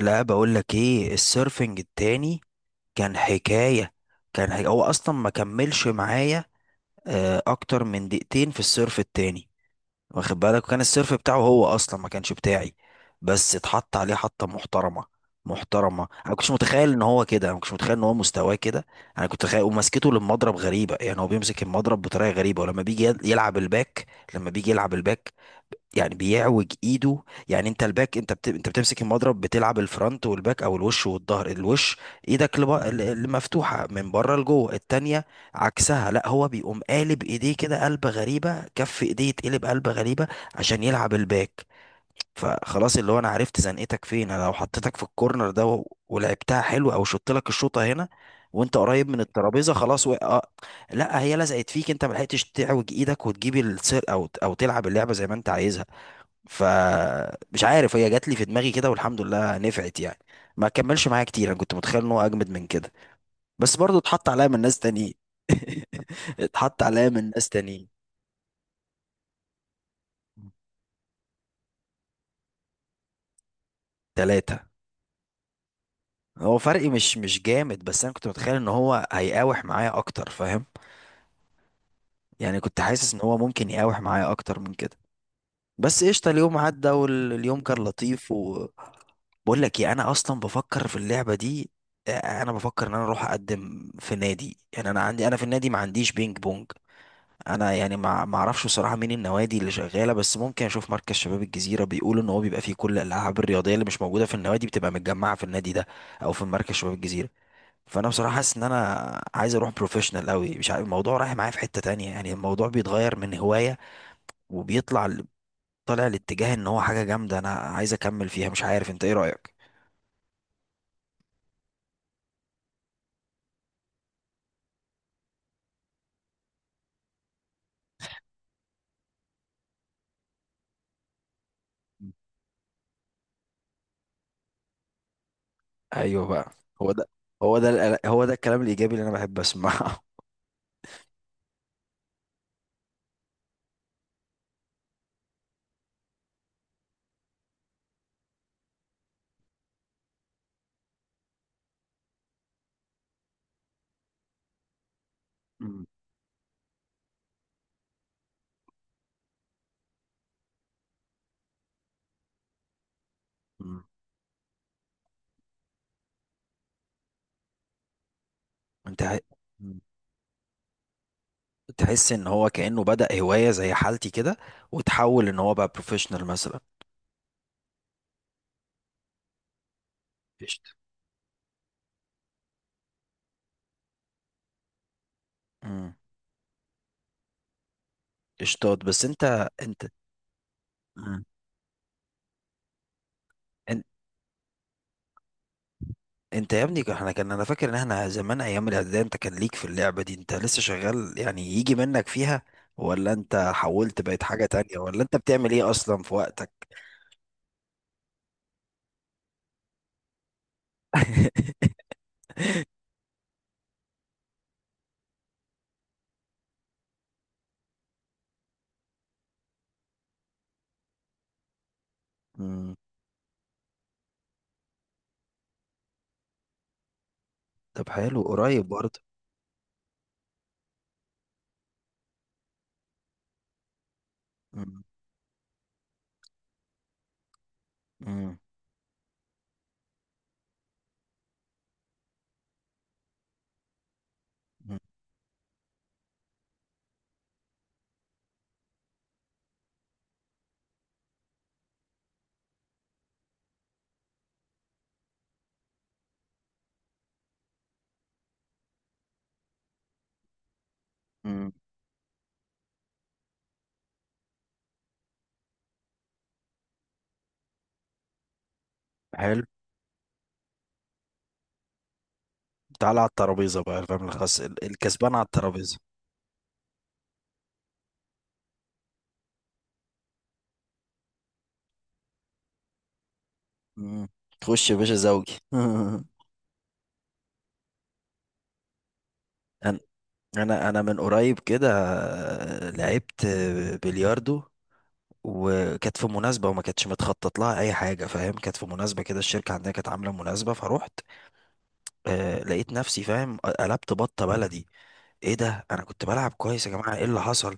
لا، بقول لك ايه؟ السيرفنج التاني كان حكاية. كان حكاية. هو اصلا ما كملش معايا اكتر من دقيقتين في السيرف التاني. واخد بالك؟ وكان السيرف بتاعه هو اصلا ما كانش بتاعي، بس اتحط عليه حطة محترمة. محترمة، انا كنتش متخيل ان هو كده، انا كنتش متخيل ان هو مستواه كده. انا كنت متخيل، ومسكته للمضرب غريبة، يعني هو بيمسك المضرب بطريقة غريبة. ولما بيجي يلعب الباك، لما بيجي يلعب الباك يعني بيعوج ايده. يعني انت الباك، انت انت بتمسك المضرب، بتلعب الفرونت والباك او الوش والظهر. الوش ايدك مفتوحه من بره لجوه، التانية عكسها. لا، هو بيقوم قالب ايديه كده، قلبه غريبه، كف ايديه يتقلب، قلبه غريبه عشان يلعب الباك. فخلاص، اللي هو انا عرفت زنقتك فين. انا لو حطيتك في الكورنر ده ولعبتها حلو، او شطت لك الشوطه هنا وانت قريب من الترابيزه خلاص آه. لا، هي لزقت فيك، انت ما لحقتش تعوج ايدك وتجيب السير او تلعب اللعبه زي ما انت عايزها. فمش عارف، هي جات لي في دماغي كده والحمد لله نفعت يعني. ما كملش معايا كتير، انا كنت متخيل ان هو اجمد من كده. بس برضه اتحط عليا من ناس تانيين. اتحط عليا من ناس تانيين. تلاتة. هو فرقي مش جامد، بس انا كنت متخيل ان هو هيقاوح معايا اكتر، فاهم؟ يعني كنت حاسس ان هو ممكن يقاوح معايا اكتر من كده. بس قشطة، اليوم عدى واليوم كان لطيف و... بقول لك ايه؟ انا اصلا بفكر في اللعبة دي. انا بفكر ان انا اروح اقدم في نادي. يعني انا عندي، انا في النادي ما عنديش بينج بونج. انا يعني ما اعرفش بصراحة مين النوادي اللي شغالة، بس ممكن اشوف مركز شباب الجزيرة. بيقولوا ان هو بيبقى فيه كل الالعاب الرياضية اللي مش موجودة في النوادي بتبقى متجمعة في النادي ده، او في مركز شباب الجزيرة. فانا بصراحة حاسس ان انا عايز اروح بروفيشنال قوي، مش عارف الموضوع رايح معايا في حتة تانية. يعني الموضوع بيتغير من هواية وبيطلع، طالع الاتجاه ان هو حاجه جامده انا عايز اكمل فيها. مش عارف انت ايه رايك. ايوه بقى. هو ده، هو ده هو ده الكلام الايجابي اللي انا بحب اسمعه. مم. مم. انت مم. تحس ان هو كانه بدا هوايه زي حالتي كده، وتحول ان هو بقى بروفيشنال مثلا. قشطة. مم. قشطات. بس انت، انت. مم. ان- انت يا ابني، احنا كان، انا فاكر ان احنا زمان ايام الاعداديه انت كان ليك في اللعبه دي. انت لسه شغال يعني يجي منك فيها؟ ولا انت حولت بقيت حاجه تانية؟ ولا انت بتعمل ايه اصلا في وقتك؟ مم. طب حلو، قريب برضه. مم. مم. مم. مم. حلو. تعالى على الترابيزة بقى، الفاهم الخاص، الكسبان على الترابيزة. مم. تخش يا باشا زوجي انا انا أنا من قريب كده لعبت بلياردو. وكانت في مناسبة، وما كانتش متخطط لها أي حاجة، فاهم؟ كانت في مناسبة كده، الشركة عندنا كانت عاملة مناسبة فروحت. لقيت نفسي، فاهم، قلبت بطة بلدي. ايه ده؟ انا كنت بلعب كويس يا جماعه، ايه اللي حصل؟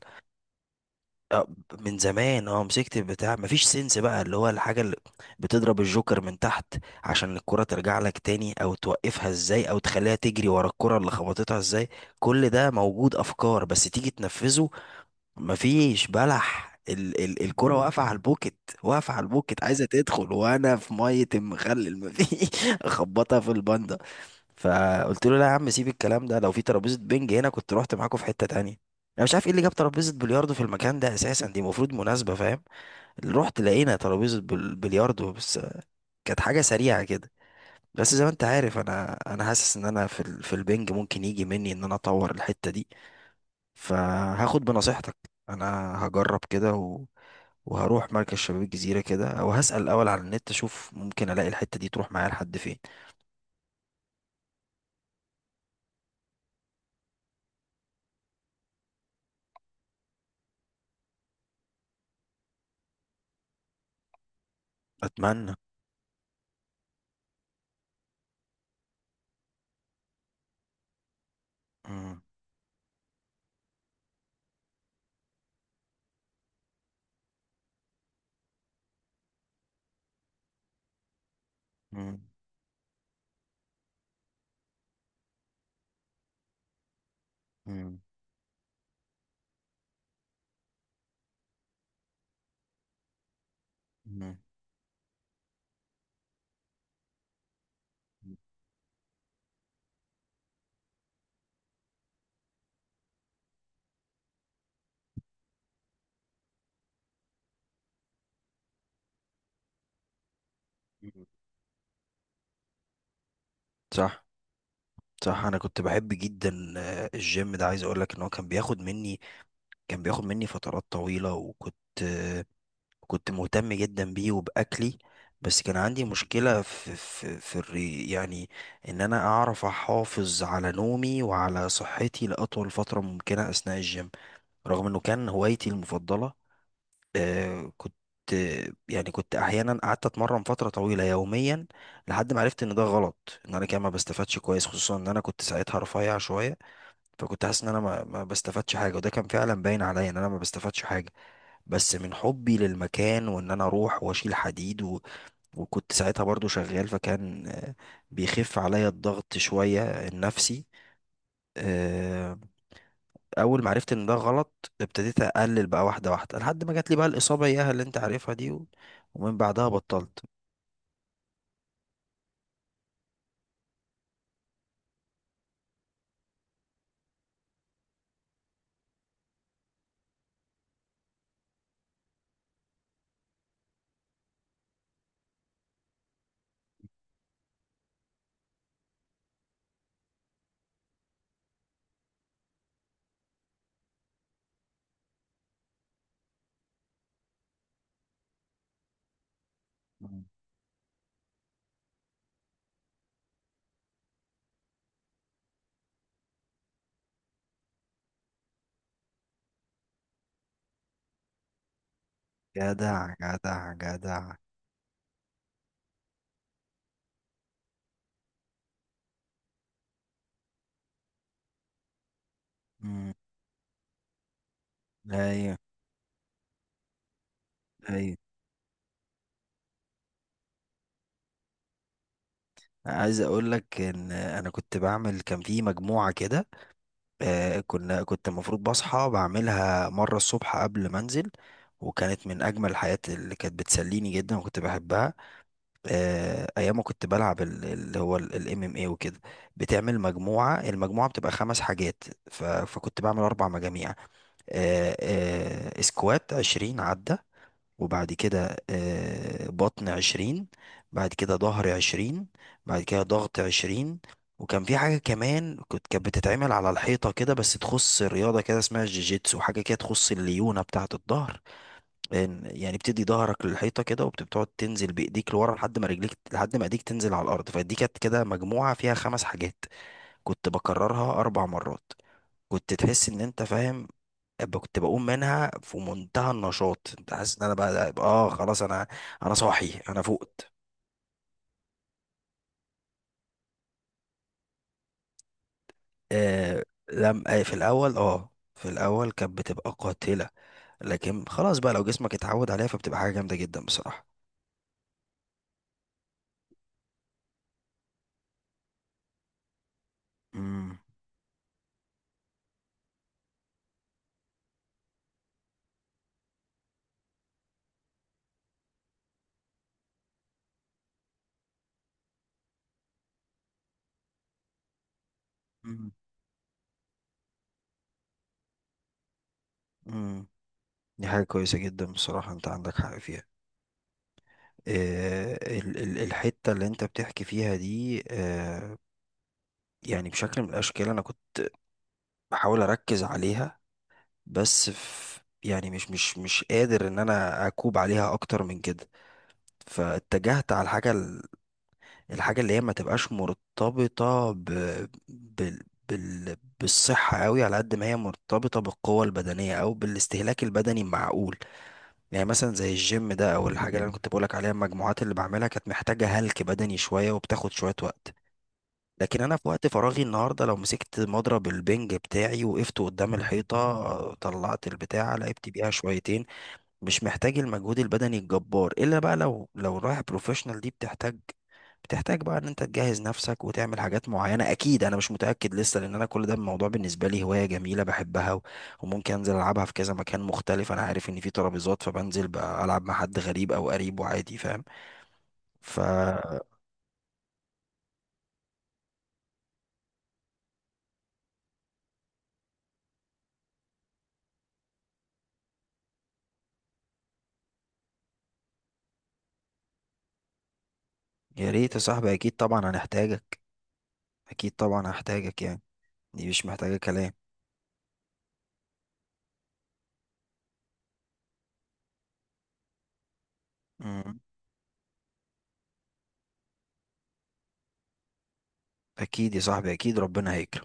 آه، من زمان اه مسكت البتاع، مفيش سنس بقى. اللي هو الحاجة اللي بتضرب الجوكر من تحت عشان الكرة ترجع لك تاني، او توقفها ازاي، او تخليها تجري ورا الكرة اللي خبطتها ازاي. كل ده موجود افكار، بس تيجي تنفذه مفيش بلح. ال الكرة واقفة على البوكت، واقفة على البوكت عايزة تدخل، وأنا في مية المخلل مفيش أخبطها في الباندا. فقلت له لا يا عم، سيب الكلام ده. لو في ترابيزة بنج هنا كنت رحت معاكم في حتة تانية. أنا مش عارف إيه اللي جاب ترابيزة بلياردو في المكان ده أساسا، دي المفروض مناسبة، فاهم؟ رحت لقينا ترابيزة بلياردو بس. كانت حاجة سريعة كده. بس زي ما أنت عارف، أنا حاسس إن أنا في في البنج ممكن يجي مني إن أنا أطور الحتة دي. فهاخد بنصيحتك. انا هجرب كده وهروح مركز شباب الجزيرة كده، او هسأل الاول على النت، اشوف ممكن الاقي الحتة دي تروح معايا لحد فين. اتمنى. مم. مم. مم. مم. مم. صح. صح، انا كنت بحب جدا الجيم ده. عايز اقول لك ان هو كان بياخد مني، كان بياخد مني فترات طويلة. وكنت، كنت مهتم جدا بيه وبأكلي. بس كان عندي مشكلة في، في الري يعني، إن أنا أعرف أحافظ على نومي وعلى صحتي لأطول فترة ممكنة أثناء الجيم، رغم إنه كان هوايتي المفضلة. كنت، يعني كنت أحيانا قعدت أتمرن فترة طويلة يوميا، لحد ما عرفت إن ده غلط، إن أنا كده ما بستفادش كويس، خصوصا إن أنا كنت ساعتها رفيع شوية. فكنت حاسس إن أنا ما بستفادش حاجة، وده كان فعلا باين عليا إن أنا ما بستفادش حاجة. بس من حبي للمكان، وان انا اروح واشيل حديد وكنت ساعتها برضو شغال، فكان بيخف عليا الضغط شوية، النفسي. آه، اول ما عرفت ان ده غلط، ابتديت اقلل بقى واحدة واحدة لحد ما جات لي بقى الاصابة اياها اللي انت عارفها دي ومن بعدها بطلت. مم. جدع جدع جدع. مم. ايوه. ايوه، عايز اقول لك ان انا كنت بعمل، كان في مجموعة كده. كنا، كنت المفروض بصحى بعملها مرة الصبح قبل ما انزل. وكانت من اجمل الحاجات اللي كانت بتسليني جدا وكنت بحبها. ايام ما كنت بلعب اللي هو الام ام اي وكده. بتعمل مجموعة، المجموعة بتبقى خمس حاجات. فكنت بعمل اربع مجاميع. آه، سكوات 20 عدة. وبعد كده بطن 20. بعد كده ظهر 20. بعد كده ضغط 20. وكان في حاجة كمان، كنت، كانت بتتعمل على الحيطة كده، بس تخص الرياضة كده، اسمها الجيجيتسو، حاجة كده تخص الليونة بتاعة الظهر. يعني بتدي ظهرك للحيطة كده، وبتقعد تنزل بإيديك لورا لحد ما رجليك، لحد ما إيديك تنزل على الأرض. فدي كانت كده مجموعة فيها خمس حاجات، كنت بكررها أربع مرات. كنت تحس إن أنت، فاهم، كنت بقوم منها في منتهى النشاط. انت حاسس ان انا اه خلاص انا، انا صاحي، انا فقت. آه لم آه في الاول، في الاول كانت بتبقى قاتلة، لكن خلاص بقى لو جسمك اتعود عليها فبتبقى حاجة جامدة جدا بصراحة. امم. امم. امم. دي حاجة كويسة جدا بصراحة، انت عندك حق فيها. ال الحتة اللي انت بتحكي فيها دي، يعني بشكل من الاشكال انا كنت بحاول اركز عليها. بس في يعني مش قادر ان انا اكوب عليها اكتر من كده. فاتجهت على الحاجه الحاجه اللي هي ما تبقاش مرتبطه ب... بال... بالصحه قوي، على قد ما هي مرتبطه بالقوه البدنيه او بالاستهلاك البدني المعقول. يعني مثلا زي الجيم ده، او الحاجه اللي انا كنت بقولك عليها، المجموعات اللي بعملها كانت محتاجه هلك بدني شويه وبتاخد شويه وقت. لكن انا في وقت فراغي النهارده لو مسكت مضرب البنج بتاعي، وقفت قدام الحيطه، طلعت البتاع لعبت بيها شويتين، مش محتاج المجهود البدني الجبار. الا بقى لو رايح بروفيشنال، دي بتحتاج، بتحتاج بقى ان انت تجهز نفسك وتعمل حاجات معينة. اكيد انا مش متأكد لسه، لان انا كل ده الموضوع بالنسبة لي هواية جميلة بحبها وممكن انزل العبها في كذا مكان مختلف. انا عارف ان في ترابيزات، فبنزل بقى العب مع حد غريب او قريب وعادي، فاهم؟ ف... يا ريت يا صاحبي، اكيد طبعا هنحتاجك، اكيد طبعا هحتاجك يعني. دي مش محتاجة كلام. مم. اكيد يا صاحبي، اكيد ربنا هيكرم.